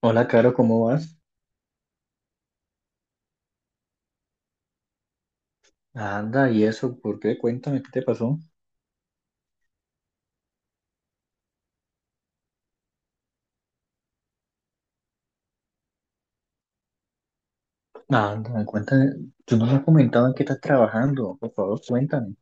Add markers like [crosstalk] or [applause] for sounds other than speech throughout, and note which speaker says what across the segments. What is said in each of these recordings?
Speaker 1: Hola, Caro, ¿cómo vas? Anda, ¿y eso? ¿Por qué? Cuéntame, ¿qué te pasó? Anda, cuéntame. Tú no me has comentado en qué estás trabajando. Por favor, cuéntame.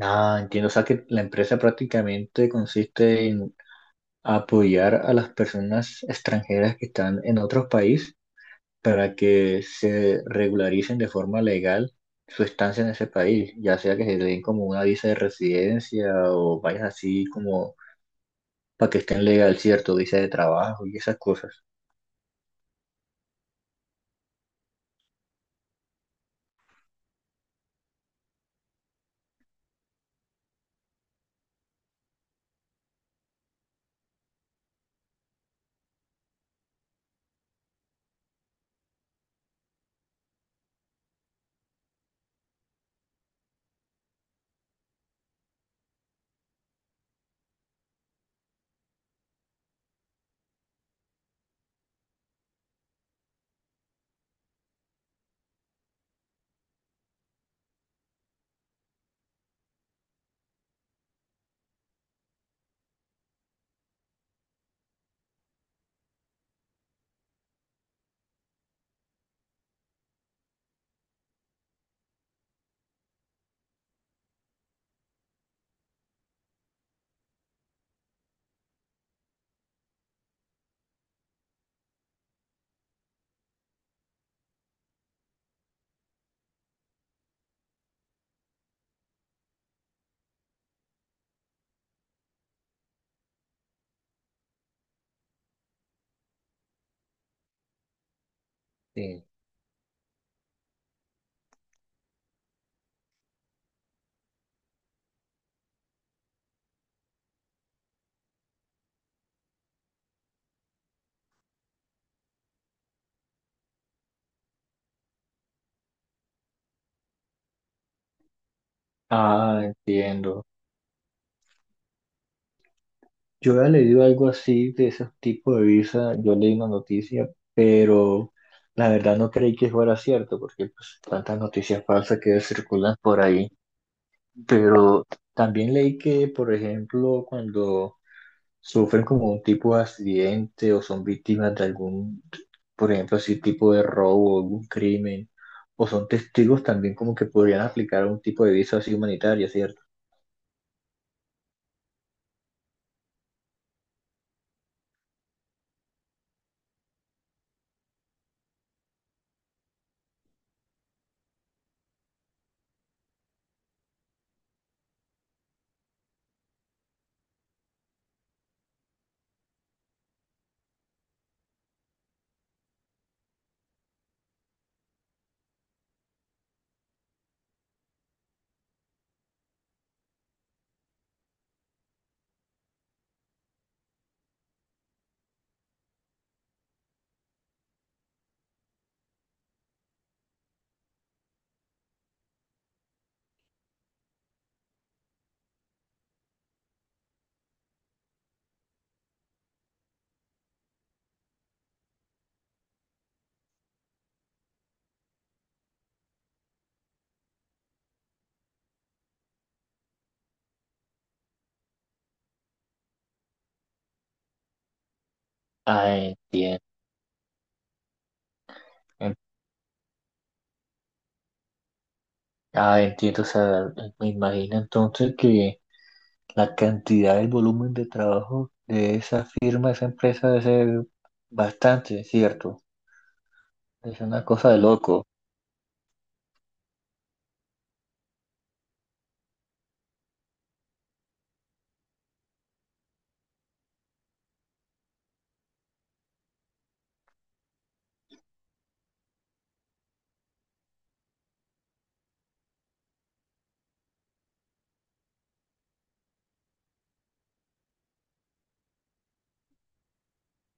Speaker 1: Ah, entiendo. O sea, que la empresa prácticamente consiste en apoyar a las personas extranjeras que están en otros países para que se regularicen de forma legal su estancia en ese país, ya sea que se le den como una visa de residencia o vayas así como para que estén legal, cierto, visa de trabajo y esas cosas. Sí. Ah, entiendo. Yo había leído algo así de ese tipo de visa, yo leí una noticia, pero la verdad no creí que fuera cierto, porque pues tantas noticias falsas que circulan por ahí. Pero también leí que, por ejemplo, cuando sufren como un tipo de accidente o son víctimas de algún, por ejemplo, así tipo de robo, algún crimen, o son testigos también como que podrían aplicar un tipo de visa así humanitaria, ¿cierto? Ah, entiendo. Ah, entiendo, o sea, me imagino entonces que la cantidad, el volumen de trabajo de esa firma, esa empresa debe ser bastante, ¿cierto? Es una cosa de loco.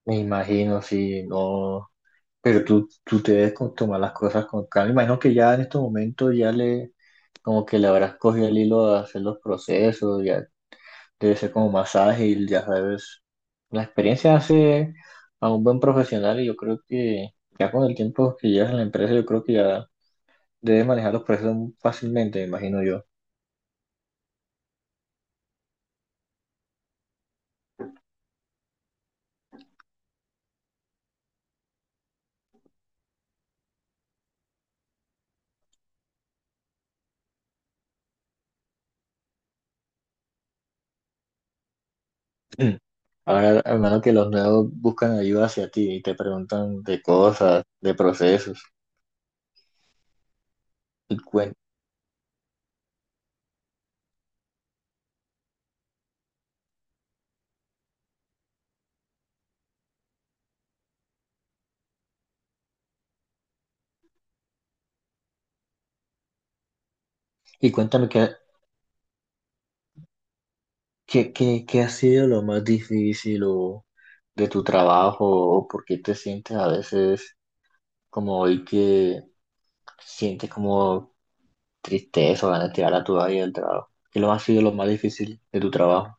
Speaker 1: Me imagino, sí, no, pero tú te debes tomar las cosas con calma. Imagino que ya en estos momentos ya le, como que le habrás cogido el hilo a hacer los procesos, ya debe ser como más ágil, ya sabes. La experiencia hace a un buen profesional y yo creo que ya con el tiempo que llevas en la empresa, yo creo que ya debes manejar los procesos fácilmente, me imagino yo. [clears throat] Ahora, hermano, que los nuevos buscan ayuda hacia ti y te preguntan de cosas, de procesos. Y, cuen- y cuéntame qué ha sido lo más difícil o de tu trabajo o por qué te sientes a veces como hoy que sientes como triste eso, ganas de tirar a tu vida del trabajo. ¿Qué lo ha sido lo más difícil de tu trabajo?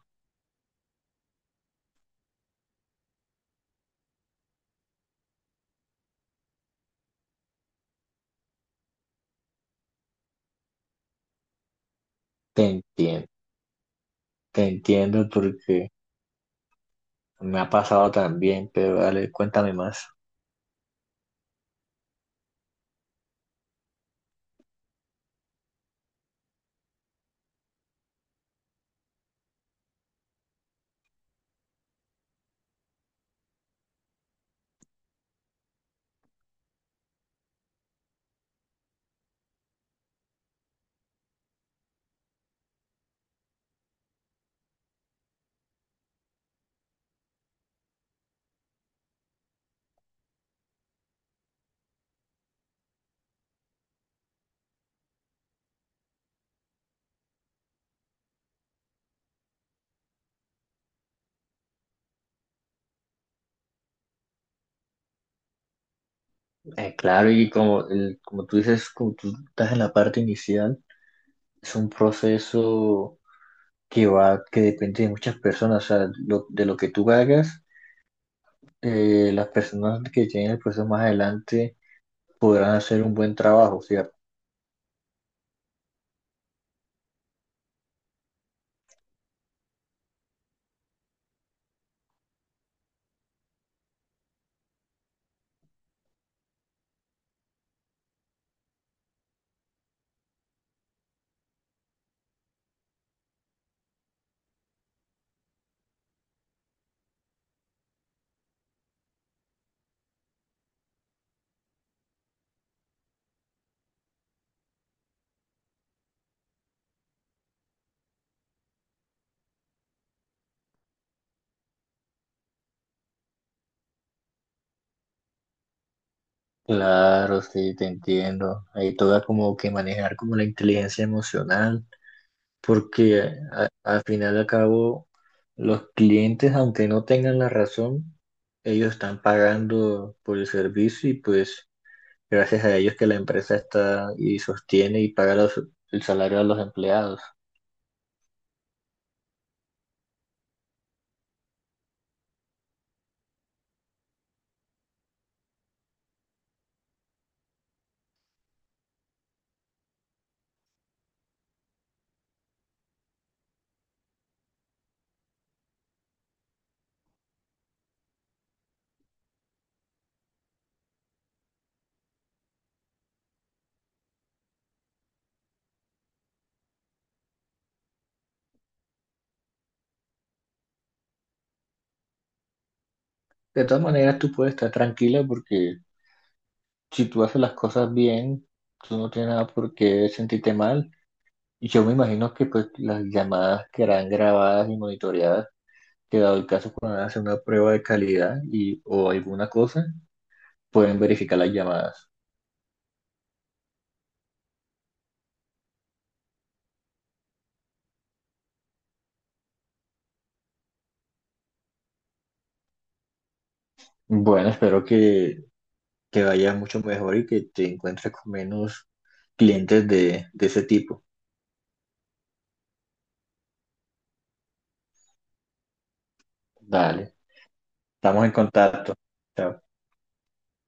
Speaker 1: Te entiendo, te entiendo porque me ha pasado también, pero dale, cuéntame más. Claro, y como, como tú dices, como tú estás en la parte inicial, es un proceso que va, que depende de muchas personas, o sea, de lo que tú hagas, las personas que tienen el proceso más adelante podrán hacer un buen trabajo, ¿sí? Claro, sí, te entiendo. Ahí toca como que manejar como la inteligencia emocional, porque al final y al cabo los clientes, aunque no tengan la razón, ellos están pagando por el servicio y pues gracias a ellos que la empresa está y sostiene y paga el salario a los empleados. De todas maneras, tú puedes estar tranquila porque si tú haces las cosas bien, tú no tienes nada por qué sentirte mal. Y yo me imagino que pues las llamadas quedarán grabadas y monitoreadas, que dado el caso cuando van hacer una prueba de calidad y, o alguna cosa, pueden verificar las llamadas. Bueno, espero que vayas mucho mejor y que te encuentres con menos clientes de ese tipo. Dale, estamos en contacto. Chao.